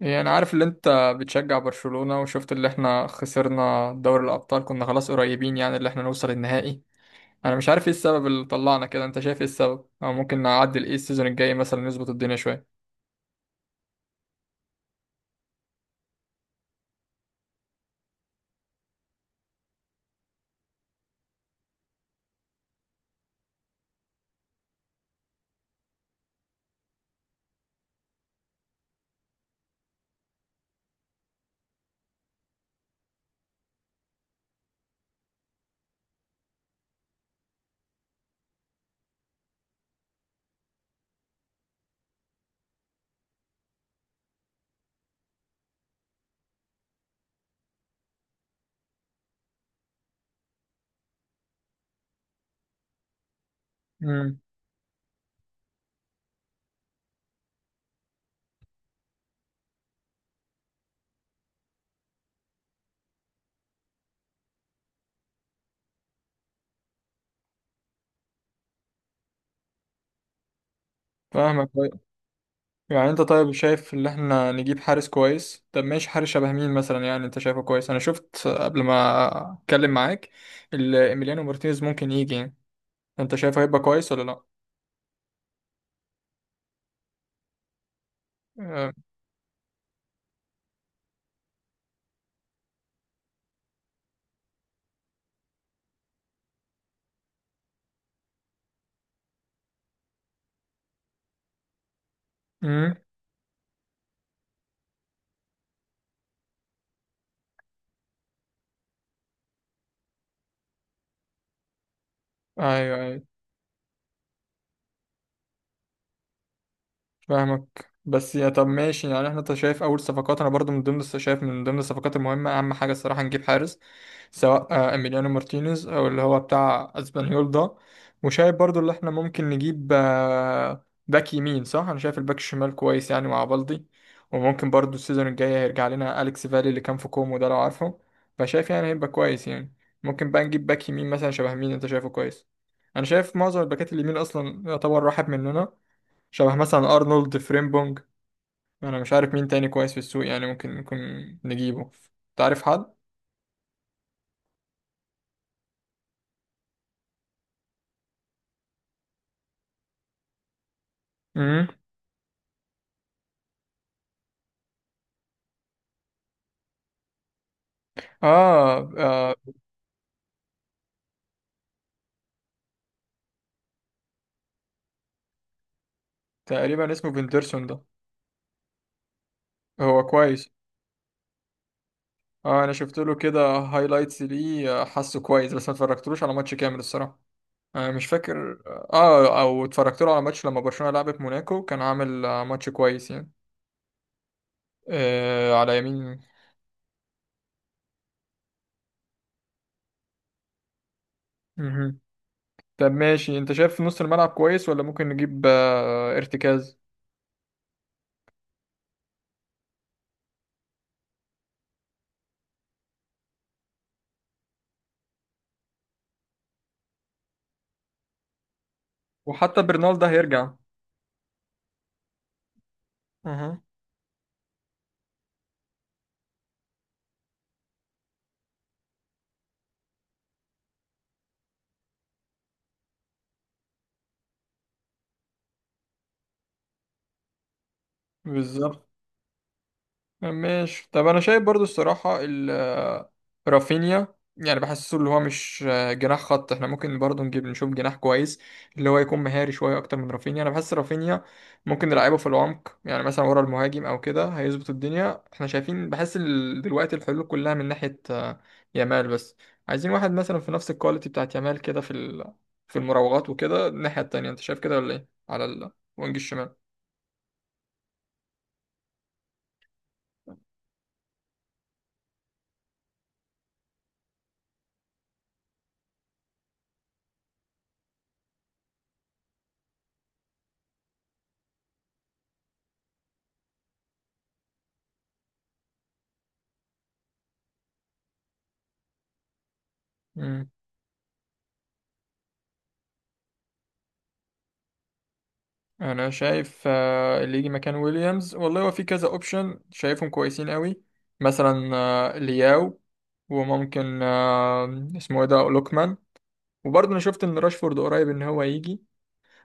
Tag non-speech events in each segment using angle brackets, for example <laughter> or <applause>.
يعني انا عارف اللي انت بتشجع برشلونة، وشفت اللي احنا خسرنا دوري الابطال. كنا خلاص قريبين يعني اللي احنا نوصل النهائي. انا مش عارف ايه السبب اللي طلعنا كده، انت شايف ايه السبب او ممكن نعدل ايه السيزون الجاي مثلا نظبط الدنيا شوية؟ امم. فاهمك طيب. يعني انت طيب شايف ان احنا نجيب حارس كويس، طب ماشي حارس شبه مين مثلا؟ يعني انت شايفه كويس. انا شفت قبل ما اتكلم معاك ايميليانو مارتينيز ممكن يجي يعني. انت شايفه هيبقى كويس ولا لا؟ امم. ايوه، ايوه. فاهمك. بس يا طب ماشي، يعني احنا انت شايف اول صفقات. انا برضو من ضمن شايف من ضمن الصفقات المهمه، اهم حاجه الصراحه نجيب حارس، سواء اميليانو مارتينيز او اللي هو بتاع اسبانيول ده. وشايف برضو اللي احنا ممكن نجيب باك يمين. صح، انا شايف الباك الشمال كويس يعني مع بالدي. وممكن برضو السيزون الجاي هيرجع لنا اليكس فالي اللي كان في كومو ده، لو عارفه. فشايف يعني هيبقى كويس يعني. ممكن بقى نجيب باك يمين مثلا شبه مين انت شايفه كويس؟ انا شايف معظم الباكات اليمين اصلا يعتبر راحت مننا. شبه مثلا ارنولد فريمبونج. انا مش عارف مين تاني كويس في السوق، يعني ممكن نكون نجيبه. تعرف حد؟ امم. آه، اه. تقريبا اسمه فيندرسون ده. هو كويس. اه، انا شفت له كده هايلايتس ليه، حاسه كويس بس ما اتفرجتلوش على ماتش كامل الصراحه. مش فاكر. اه، او اتفرجت له على ماتش لما برشلونه لعبت موناكو، كان عامل ماتش كويس يعني. على يمين. مهم. طب ماشي، انت شايف نص الملعب كويس ولا ممكن نجيب ارتكاز؟ وحتى برنال ده هيرجع. اها. بالظبط. ماشي، طب انا شايف برضو الصراحه رافينيا يعني بحسه اللي هو مش جناح خط. احنا ممكن برضو نجيب نشوف جناح كويس اللي هو يكون مهاري شويه اكتر من رافينيا. انا بحس رافينيا ممكن نلعبه في العمق، يعني مثلا ورا المهاجم او كده هيظبط الدنيا. احنا شايفين بحس دلوقتي الحلول كلها من ناحيه يامال بس. عايزين واحد مثلا في نفس الكواليتي بتاعت يامال كده في المراوغات وكده الناحيه التانيه. انت شايف كده ولا ايه على الوينج الشمال؟ انا شايف اللي يجي مكان ويليامز والله هو في كذا اوبشن شايفهم كويسين قوي. مثلا لياو. وممكن اسمه ايه ده، لوكمان. وبرضه انا شفت ان راشفورد قريب ان هو يجي.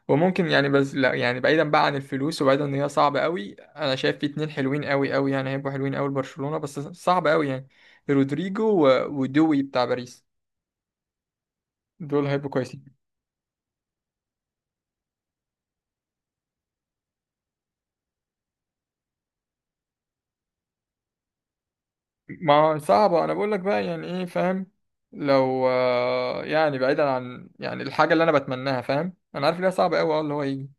وممكن يعني، بس لا يعني بعيدا بقى عن الفلوس وبعيدا ان هي صعبه قوي، انا شايف في اتنين حلوين قوي قوي يعني هيبقوا حلوين قوي لبرشلونه بس صعب قوي يعني. رودريجو ودوي بتاع باريس. دول هيبقوا كويسين. ما صعبة، أنا بقول لك بقى يعني إيه فاهم. لو يعني بعيدا عن يعني الحاجة اللي أنا بتمناها، فاهم، أنا عارف إنها صعبة أوي اللي هو يجي.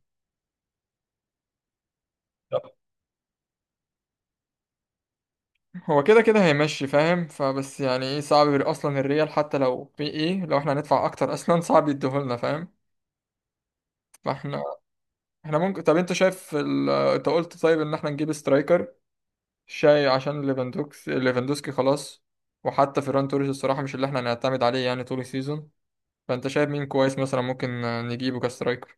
طب هو كده كده هيمشي فاهم، فبس يعني إيه صعب يبقى أصلا الريال، حتى لو في إيه لو إحنا هندفع أكتر أصلا <laughs> صعب يديهولنا فاهم. فإحنا ممكن. طب أنت شايف أنت قلت طيب إن إحنا نجيب سترايكر شاي عشان ليفاندوسكي خلاص. وحتى فيران توريس الصراحة مش اللي إحنا هنعتمد عليه يعني طول السيزون. فأنت شايف مين كويس مثلا ممكن نجيبه كسترايكر؟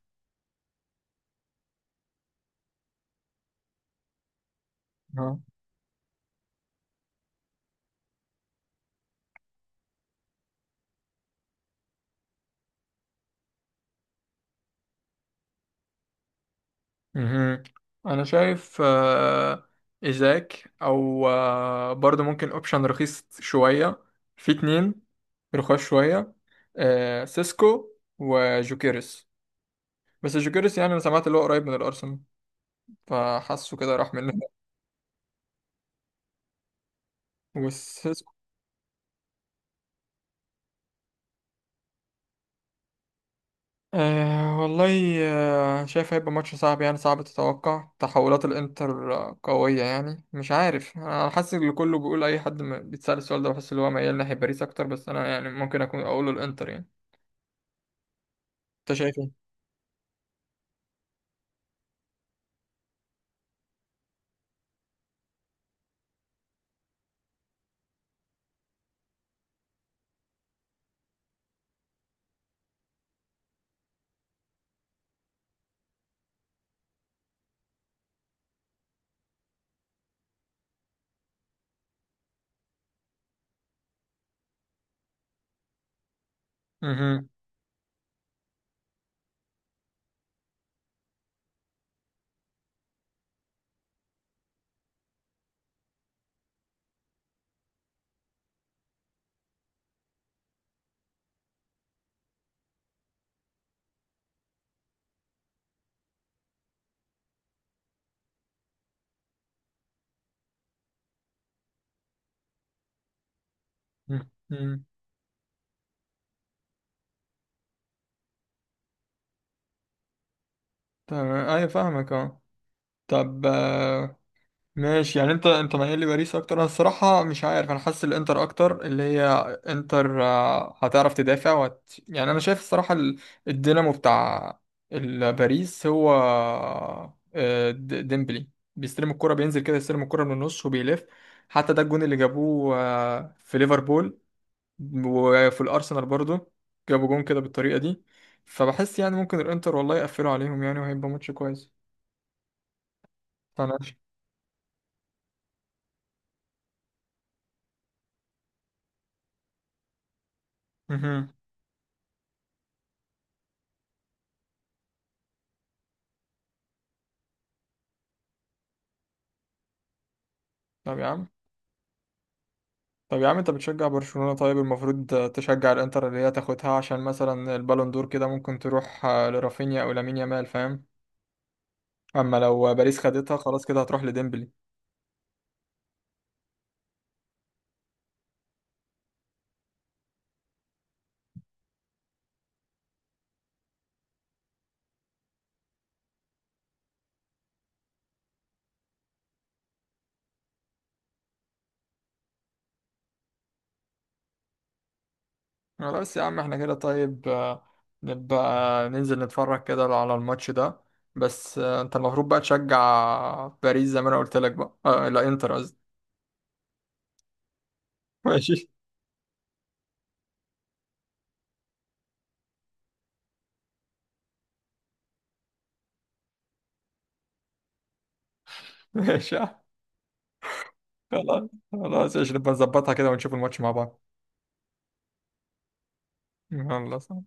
مهم. انا شايف ازاك او برضو ممكن اوبشن رخيص شوية. في اتنين رخاص شوية، سيسكو وجوكيرس. بس جوكيرس يعني انا سمعت اللي هو قريب من الارسنال، فحاسه كده راح منه. أه والله، شايف هيبقى ماتش صعب. يعني صعب تتوقع، تحولات الانتر قوية يعني. مش عارف، انا حاسس ان كله بيقول، اي حد بيتسأل السؤال ده بحس ان هو ميال ناحية باريس اكتر، بس انا يعني ممكن اكون اقوله الانتر يعني. انت شايف ايه؟ مهم. مهم. تمام، ايوه فاهمك، اه. طب ماشي، يعني انت مايل لباريس اكتر. انا الصراحه مش عارف، انا حاسس الانتر اكتر، اللي هي انتر هتعرف تدافع، يعني انا شايف الصراحه الدينامو بتاع باريس هو ديمبلي، بيستلم الكره بينزل كده يستلم الكره من النص وبيلف. حتى ده الجون اللي جابوه في ليفربول وفي الارسنال برضو، جابوا جون كده بالطريقه دي. فبحس يعني ممكن الانتر والله يقفلوا عليهم يعني وهيبقى ماتش كويس. فانا. مهم. طب يا عم طب يا عم، انت بتشجع برشلونة، طيب المفروض تشجع الانتر اللي هي تاخدها عشان مثلا البالون دور كده ممكن تروح لرافينيا او لامين يامال فاهم. اما لو باريس خدتها خلاص كده هتروح لديمبلي. خلاص يا عم، احنا كده طيب، نبقى ننزل نتفرج كده على الماتش ده. بس انت المفروض بقى تشجع باريس زي ما انا قلت لك بقى، آه لا، انتر قصدي. ماشي. <laughs> ماشي يا عم. خلاص خلاص، ايش نبقى نظبطها كده ونشوف الماتش مع بعض. يلا.